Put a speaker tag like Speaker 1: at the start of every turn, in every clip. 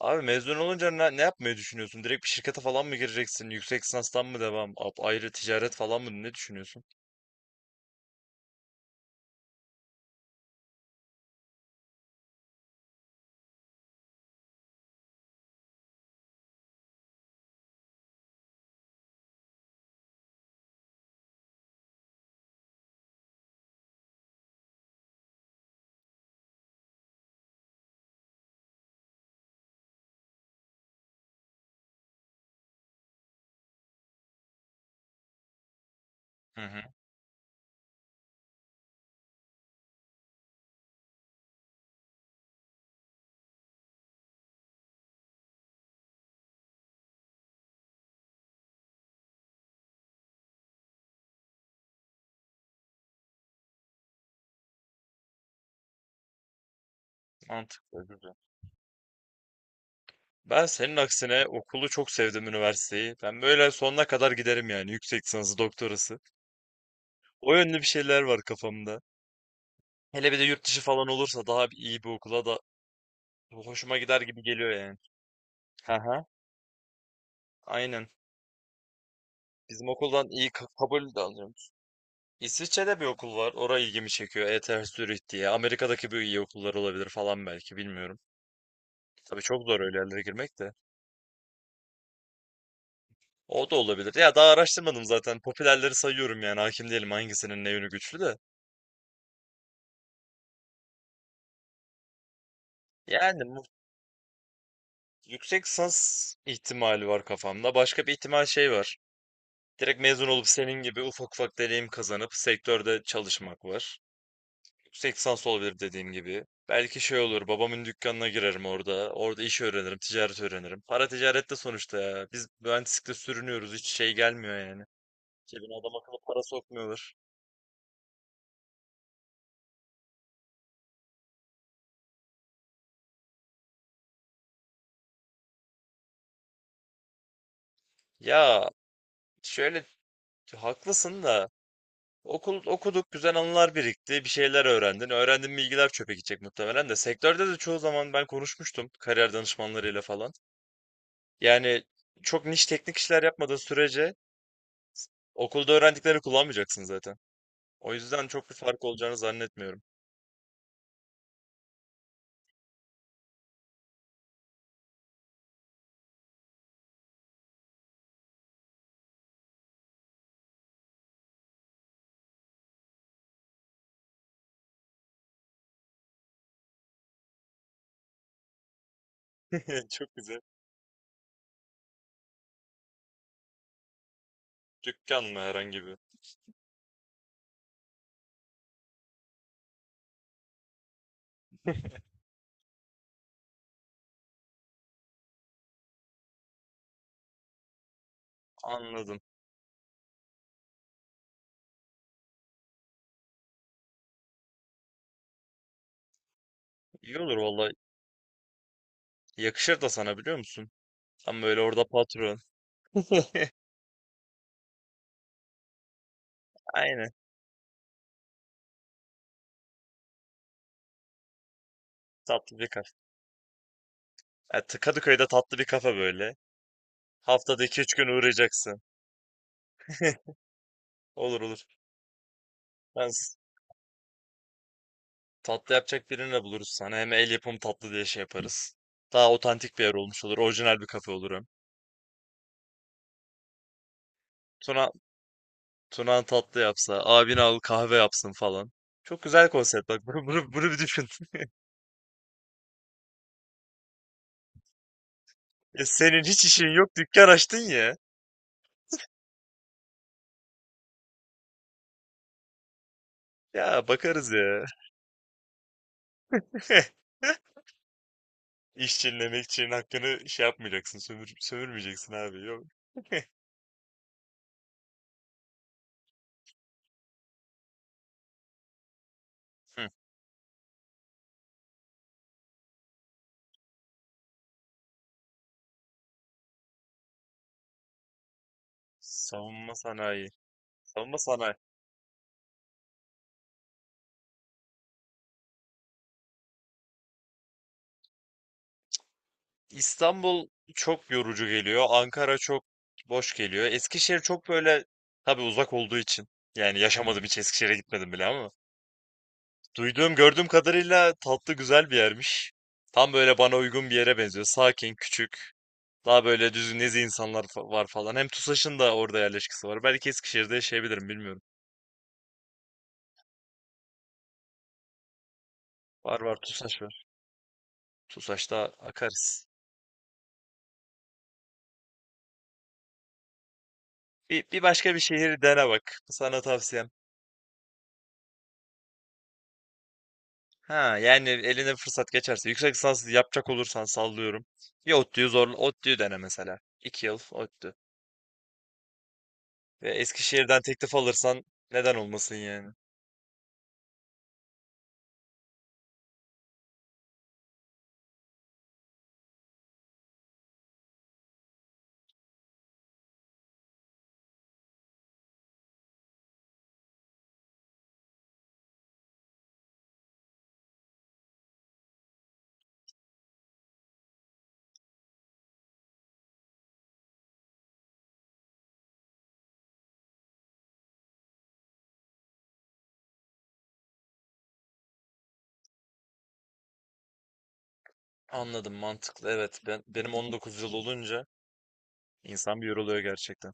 Speaker 1: Abi mezun olunca ne yapmayı düşünüyorsun? Direkt bir şirkete falan mı gireceksin? Yüksek lisanstan mı devam? Ayrı ticaret falan mı? Ne düşünüyorsun? Hı hı, mantıklı, güzel. Ben senin aksine okulu çok sevdim üniversiteyi. Ben böyle sonuna kadar giderim yani yüksek lisansı, doktorası. O yönlü bir şeyler var kafamda. Hele bir de yurt dışı falan olursa daha iyi bir okula da hoşuma gider gibi geliyor yani. Hı hı. Aynen. Bizim okuldan iyi kabul de alacağım. İsviçre'de bir okul var. Oraya ilgimi çekiyor. ETH Zürich diye. Amerika'daki bir iyi okullar olabilir falan belki bilmiyorum. Tabii çok zor öyle yerlere girmek de. O da olabilir. Ya daha araştırmadım zaten. Popülerleri sayıyorum yani. Hakim değilim hangisinin ne yönü güçlü de. Yani mu- yüksek lisans ihtimali var kafamda. Başka bir ihtimal şey var. Direkt mezun olup senin gibi ufak ufak deneyim kazanıp sektörde çalışmak var. Yüksek lisans olabilir dediğim gibi. Belki şey olur, babamın dükkanına girerim orada. Orada iş öğrenirim, ticaret öğrenirim. Para ticarette sonuçta ya. Biz mühendislikle sürünüyoruz, hiç şey gelmiyor yani. Cebine adam akıllı para sokmuyorlar. Ya şöyle haklısın da okul okuduk, güzel anılar birikti, bir şeyler öğrendin. Öğrendiğin bilgiler çöpe gidecek muhtemelen de. Sektörde de çoğu zaman ben konuşmuştum kariyer danışmanlarıyla falan. Yani çok niş teknik işler yapmadığın sürece okulda öğrendiklerini kullanmayacaksın zaten. O yüzden çok bir fark olacağını zannetmiyorum. Çok güzel. Dükkan mı herhangi bir? Anladım. İyi olur valla. Yakışır da sana biliyor musun? Tam böyle orada patron. Aynen. Tatlı bir kafe. Evet, Kadıköy'de tatlı bir kafe böyle. Haftada 2-3 gün uğrayacaksın. Olur olur. Ben s- tatlı yapacak birini de buluruz sana. Hem el yapımı tatlı diye şey yaparız. Daha otantik bir yer olmuş olur. Orijinal bir kafe olur hem. Tuna, Tuna tatlı yapsa, abin al kahve yapsın falan. Çok güzel konsept bak. Bunu bir düşün. E senin hiç işin yok dükkan açtın ya. Ya bakarız ya. İş çinlemek için hakkını şey yapmayacaksın, sömürmeyeceksin abi. Yok. Hı. Savunma sanayi. Savunma sanayi. İstanbul çok yorucu geliyor. Ankara çok boş geliyor. Eskişehir çok böyle tabii uzak olduğu için. Yani yaşamadım hiç Eskişehir'e gitmedim bile ama. Duyduğum gördüğüm kadarıyla tatlı güzel bir yermiş. Tam böyle bana uygun bir yere benziyor. Sakin, küçük. Daha böyle düzgün nezi insanlar var falan. Hem TUSAŞ'ın da orada yerleşkesi var. Belki Eskişehir'de yaşayabilirim bilmiyorum. Var var TUSAŞ var. TUSAŞ'ta akarız. Bir başka bir şehir dene bak. Sana tavsiyem. Ha yani eline fırsat geçerse. Yüksek lisans yapacak olursan sallıyorum. Bir ODTÜ'yü zorla. ODTÜ'yü dene mesela. 2 yıl ODTÜ. Ve Eskişehir'den teklif alırsan neden olmasın yani. Anladım mantıklı evet benim 19 yıl olunca insan bir yoruluyor gerçekten.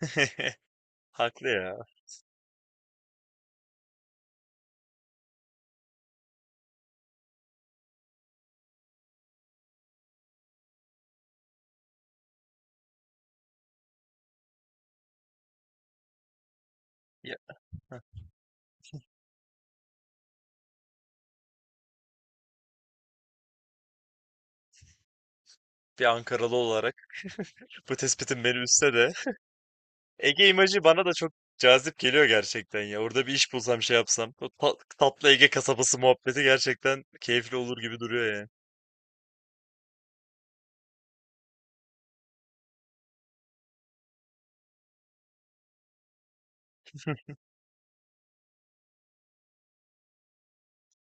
Speaker 1: Haklı ya. Ya, bir Ankaralı olarak bu tespitin beni üzse de Ege imajı bana da çok cazip geliyor gerçekten ya. Orada bir iş bulsam şey yapsam o tatlı Ege kasabası muhabbeti gerçekten keyifli olur gibi duruyor ya.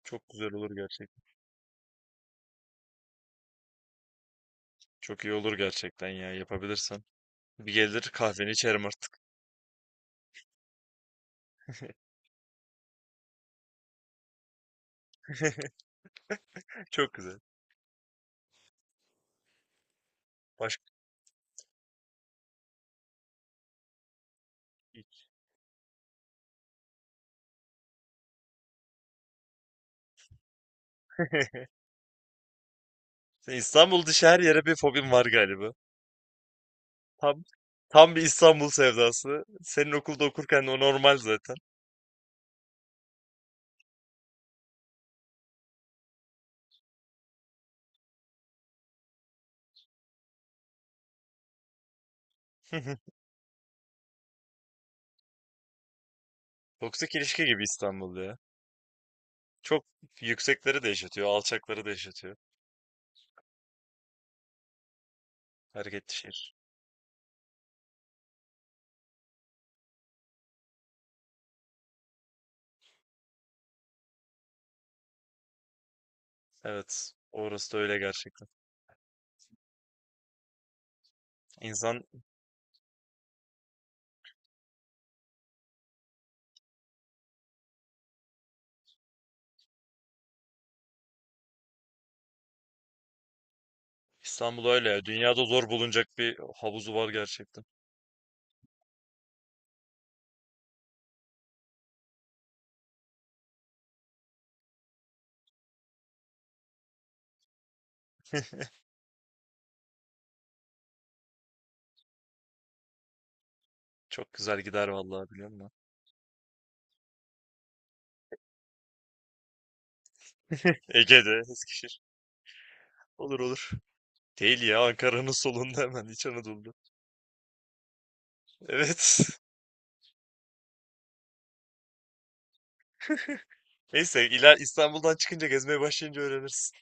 Speaker 1: Çok güzel olur gerçekten. Çok iyi olur gerçekten ya yapabilirsen. Bir gelir kahveni içerim artık. Çok güzel. Başka Sen İstanbul dışı her yere bir fobim var galiba. Tam tam bir İstanbul sevdası. Senin okulda okurken o normal zaten. Toksik ilişki gibi İstanbul ya. Çok yüksekleri de yaşatıyor, alçakları da yaşatıyor. Hareketli şehir. Evet, orası da öyle gerçekten. İnsan İstanbul öyle ya. Dünyada zor bulunacak bir havuzu var gerçekten. Çok güzel gider vallahi biliyor musun? Ege'de, Eskişehir. Olur olur. Değil ya, Ankara'nın solunda hemen İç Anadolu'da. Evet. Neyse, ila İstanbul'dan çıkınca gezmeye başlayınca öğrenirsin.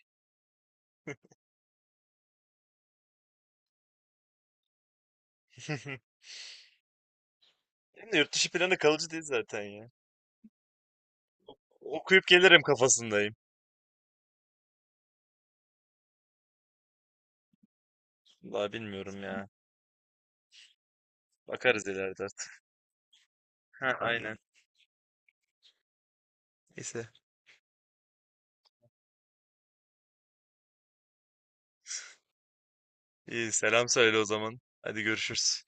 Speaker 1: Benim de yurt dışı planı kalıcı değil zaten ya. Okuyup gelirim kafasındayım. Vallahi bilmiyorum ya. Bakarız ileride artık. Ha, aynen. Neyse. İyi selam söyle o zaman. Hadi görüşürüz.